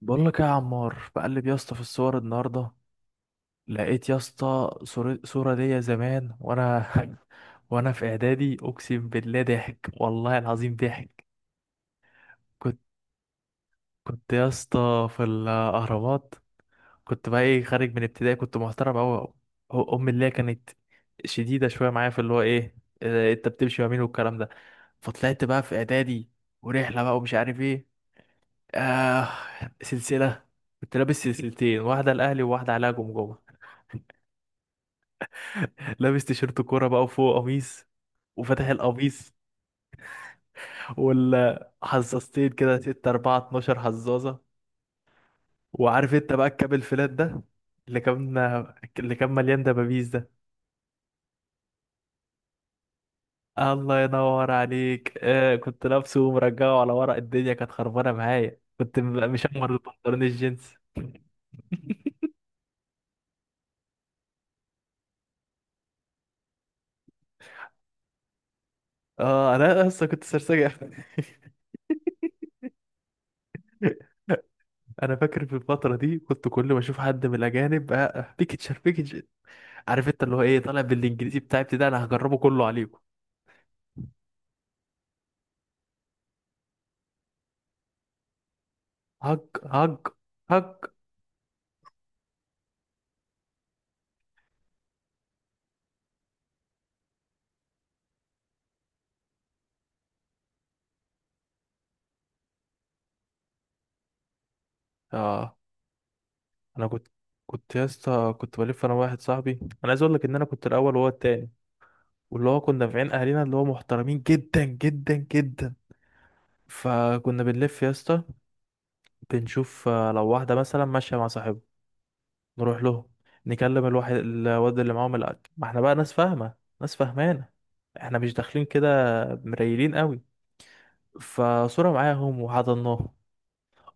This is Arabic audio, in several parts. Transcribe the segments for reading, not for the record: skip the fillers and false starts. بقول لك إيه يا عمار، بقلب يا اسطى في الصور النهارده. لقيت يا اسطى صورة ليا زمان وانا. وانا في اعدادي، اقسم بالله ضحك، والله العظيم ضحك. كنت كنت يا اسطى في الاهرامات. كنت بقى ايه، خارج من ابتدائي، كنت محترم قوي. امي اللي هي كانت شديدة شوية معايا في اللي هو ايه، انت بتمشي يمين والكلام ده. فطلعت بقى في اعدادي، ورحلة بقى ومش عارف ايه، آه سلسلة. كنت لابس سلسلتين، واحدة الاهلي وواحدة عليها جمجمة. لابس تيشيرت كورة بقى وفوق قميص، وفاتح القميص، ولا حزازتين كده، 6 4 12 حزازة. وعارف انت بقى الكاب الفلات ده، اللي كان اللي كان مليان دبابيس ده. الله ينور عليك. كنت لابسه ومرجعه على ورق، الدنيا كانت خربانة معايا. كنت مشمر البنطلون الجينز. اه انا اصلا كنت سرسجة. انا فاكر في الفترة دي، كنت كل ما اشوف حد من الاجانب، بيكتشر بيكتشر. عارف انت اللي هو ايه، طالع بالانجليزي بتاعي ابتدائي، انا هجربه كله عليكم. هج هج هج. اه انا كنت يا اسطى، كنت بلف انا واحد صاحبي. انا عايز اقول لك ان انا كنت الاول وهو التاني، واللي هو كنا في عين اهالينا اللي هو محترمين جدا جدا جدا. فكنا بنلف يا اسطى، بنشوف لو واحده مثلا ماشيه مع صاحبه، نروح له نكلم الواحد، الواد اللي معاهم الأكل، ما احنا بقى ناس فاهمه، ناس فاهمانه، احنا مش داخلين كده مريلين قوي. فصوره معاهم وحضناهم،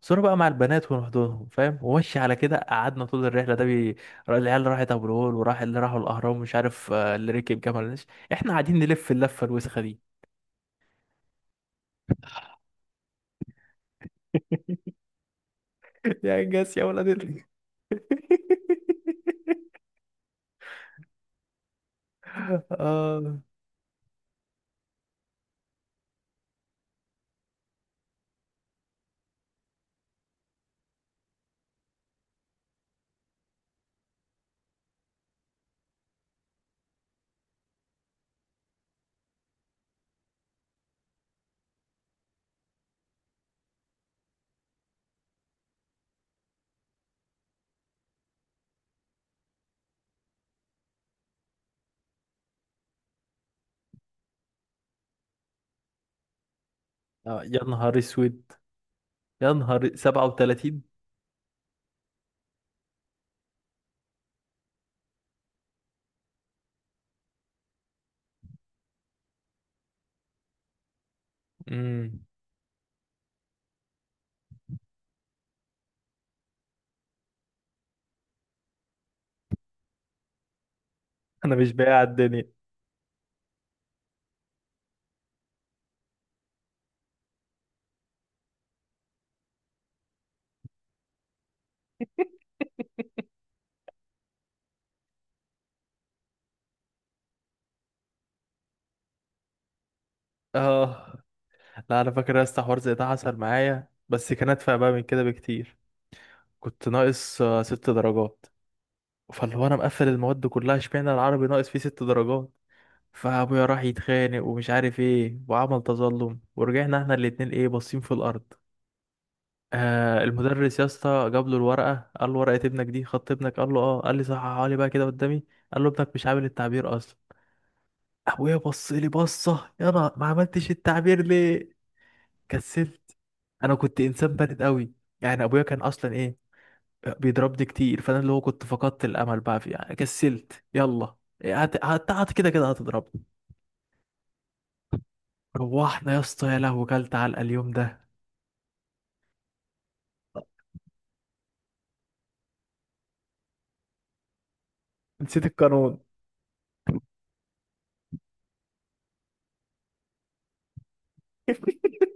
صورة بقى مع البنات ونحضنهم، فاهم؟ ومشي على كده. قعدنا طول الرحلة ده العيال راحت أبو الهول، وراح اللي راحوا الأهرام، مش عارف، اللي ركب جمل نسر، احنا قاعدين نلف اللفة الوسخة دي. يا انجاز يا ولد آه. يا نهار اسود، يا نهار 37. امم انا مش بايع الدنيا. اه لا، انا فاكر يا اسطى حوار زي ده حصل معايا، بس كان ادفع بقى من كده بكتير. كنت ناقص 6 درجات. فاللي هو انا مقفل المواد كلها، اشمعنى العربي ناقص فيه 6 درجات. فابويا راح يتخانق ومش عارف ايه، وعمل تظلم، ورجعنا احنا الاتنين ايه، باصين في الارض. المدرس يا اسطى جاب له الورقه، قال له ورقه ابنك دي، خط ابنك؟ قال له اه. قال لي صححها لي بقى كده قدامي. قال له ابنك مش عامل التعبير اصلا. ابويا بص لي بصه، يا انا ما عملتش التعبير ليه؟ كسلت. انا كنت انسان بارد قوي. يعني ابويا كان اصلا ايه، بيضربني كتير، فانا اللي هو كنت فقدت الامل بقى في يعني، كسلت يلا، هت... هت... هت كده كده هتضربني. روحنا يا اسطى، يا لهوي كلت علقه اليوم ده. نسيت القانون.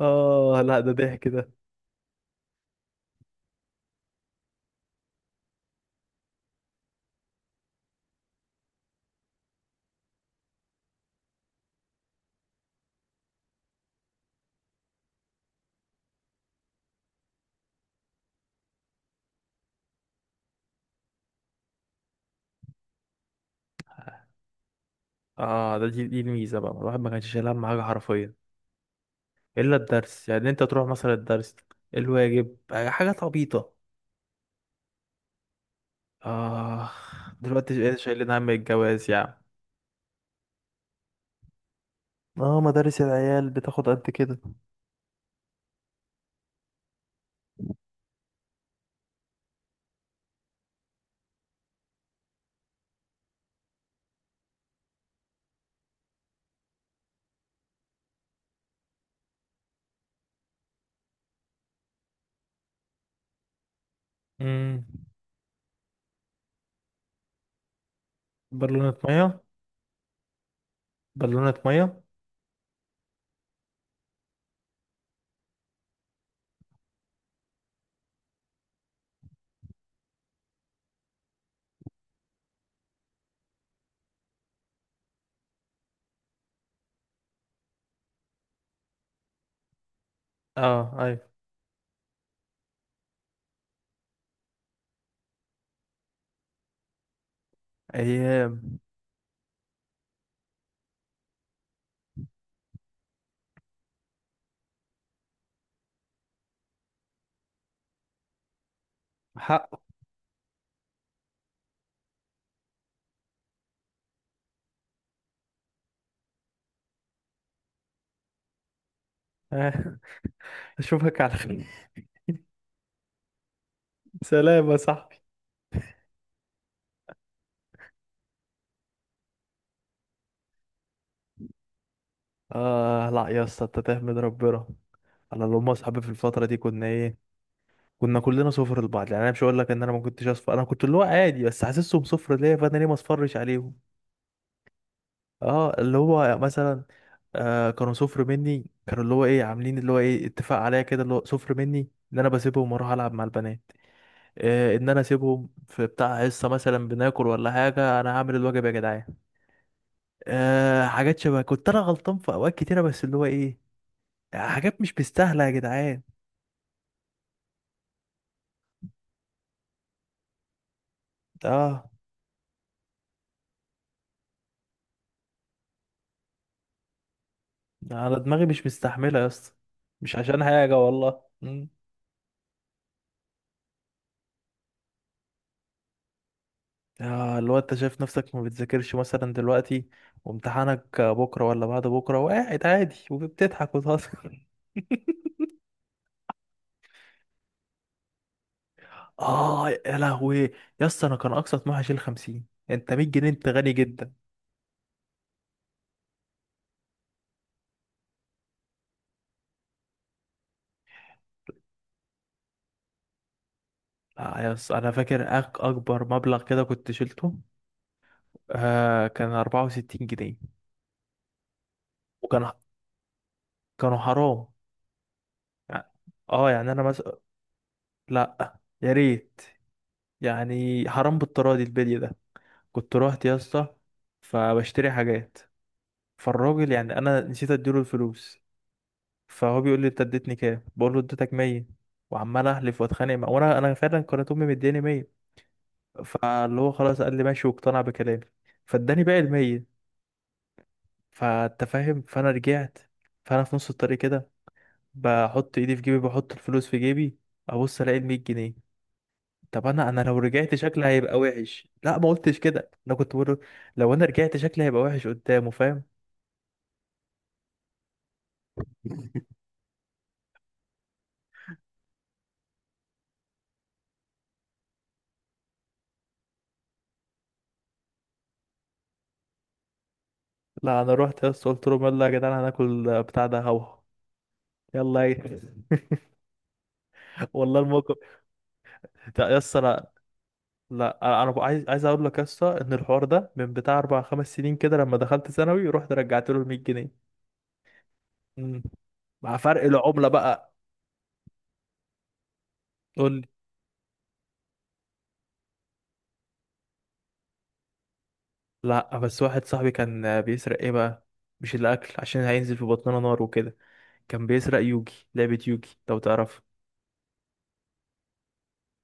اه لا ده ضحك ده. اه، دي الميزه بقى، الواحد ما كانش شايل هم حاجه حرفيا، الا الدرس. يعني انت تروح مثلا الدرس، الواجب، حاجات عبيطه. اه دلوقتي بقيت شايلين هم الجواز يعني. اه مدارس العيال بتاخد قد كده. امم بالونة ميه، بالونة مية. اه ايوه. ايام. حق. آه. اشوفك على خير. سلام يا صاحبي. اه لا يا اسطى، انت تحمد ربنا. انا اللي هم اصحابي في الفتره دي كنا ايه، كنا كلنا صفر لبعض. يعني انا مش هقول لك ان انا ما كنتش اصفر، انا كنت اللي هو عادي، بس حاسسهم صفر ليا، فانا ليه ما اصفرش عليهم؟ اه اللي هو مثلا، كانوا صفر مني، كانوا اللي هو ايه، عاملين اللي هو ايه اتفاق عليا كده، اللي هو صفر مني، ان انا بسيبهم واروح العب مع البنات، ان انا اسيبهم في بتاع حصه مثلا، بناكل ولا حاجه، انا هعمل الواجب يا جدعان. حاجات شبه، كنت انا غلطان في اوقات كتيره، بس اللي هو ايه، حاجات مش مستاهله يا جدعان. اه انا دماغي مش مستحمله يا اسطى، مش عشان حاجه والله. مم. اه اللي هو انت شايف نفسك ما بتذاكرش مثلا دلوقتي، وامتحانك بكره ولا بعد بكره، وقاعد عادي وبتضحك وتهزر. اه يا لهوي. يا اسطى انا كان اقصى طموحي اشيل 50. انت 100 جنيه، انت غني. يس انا فاكر اكبر مبلغ كده كنت شلته، كان 64 جنيه. وكان، كانوا حرام. يعني- اه يعني انا مثلا. لا يا ريت. يعني حرام بالتراضي البلي ده. كنت رحت يا اسطى فبشتري حاجات، فالراجل، يعني انا نسيت اديله الفلوس، فهو بيقول لي انت اديتني كام؟ بقول له اديتك 100. وعمال احلف واتخانق معاه، وانا فعلا كانت امي مدياني 100. فاللي هو خلاص قال لي ماشي، واقتنع بكلامي فاداني باقي ال 100. فانت فاهم. فانا رجعت، فانا في نص الطريق كده بحط ايدي في جيبي، بحط الفلوس في جيبي، ابص الاقي ال 100 جنيه. طب انا لو رجعت شكلي هيبقى وحش، لا ما قلتش كده، انا كنت بقول له لو انا رجعت شكلي هيبقى وحش قدامه، فاهم؟ لا انا رحت يا اسطى قلت لهم يلا يا جدعان هناكل بتاع ده، هوا يلا ايه. والله الموقف. لا يا اسطى لا. لا، انا بقى عايز اقول لك يا اسطى ان الحوار ده من بتاع 4 5 سنين كده، لما دخلت ثانوي، رحت رجعت له ال 100 جنيه. مم. مع فرق العملة بقى. قول. لا بس واحد صاحبي كان بيسرق ايه بقى، مش الاكل عشان هينزل في بطننا نار وكده، كان بيسرق يوجي، لعبة يوجي لو تعرف.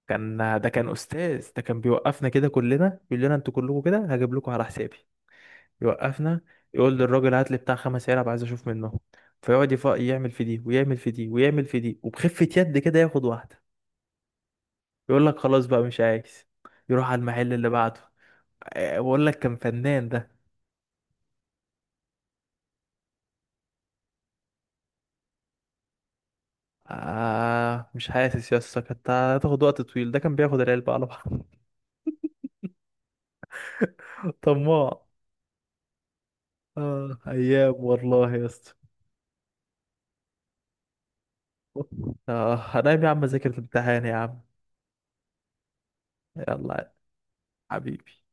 كان، ده كان استاذ ده، كان بيوقفنا كده كلنا، يقول لنا انتوا كلكم كده هجيب لكم على حسابي، يوقفنا يقول للراجل هات لي بتاع خمس علب عايز اشوف منه، فيقعد يعمل في دي ويعمل في دي ويعمل في دي، وبخفة يد كده ياخد واحدة، يقول لك خلاص بقى مش عايز، يروح على المحل اللي بعده. أه، بقول لك كان فنان ده. مش حاسس يا اسطى، كانت هتاخد وقت طويل، ده كان بياخد العلبة على بعض. طماع. اه ايام والله يا اسطى. اه هنام يا عم، اذاكر الامتحان يا عم. يلا. حبيبي.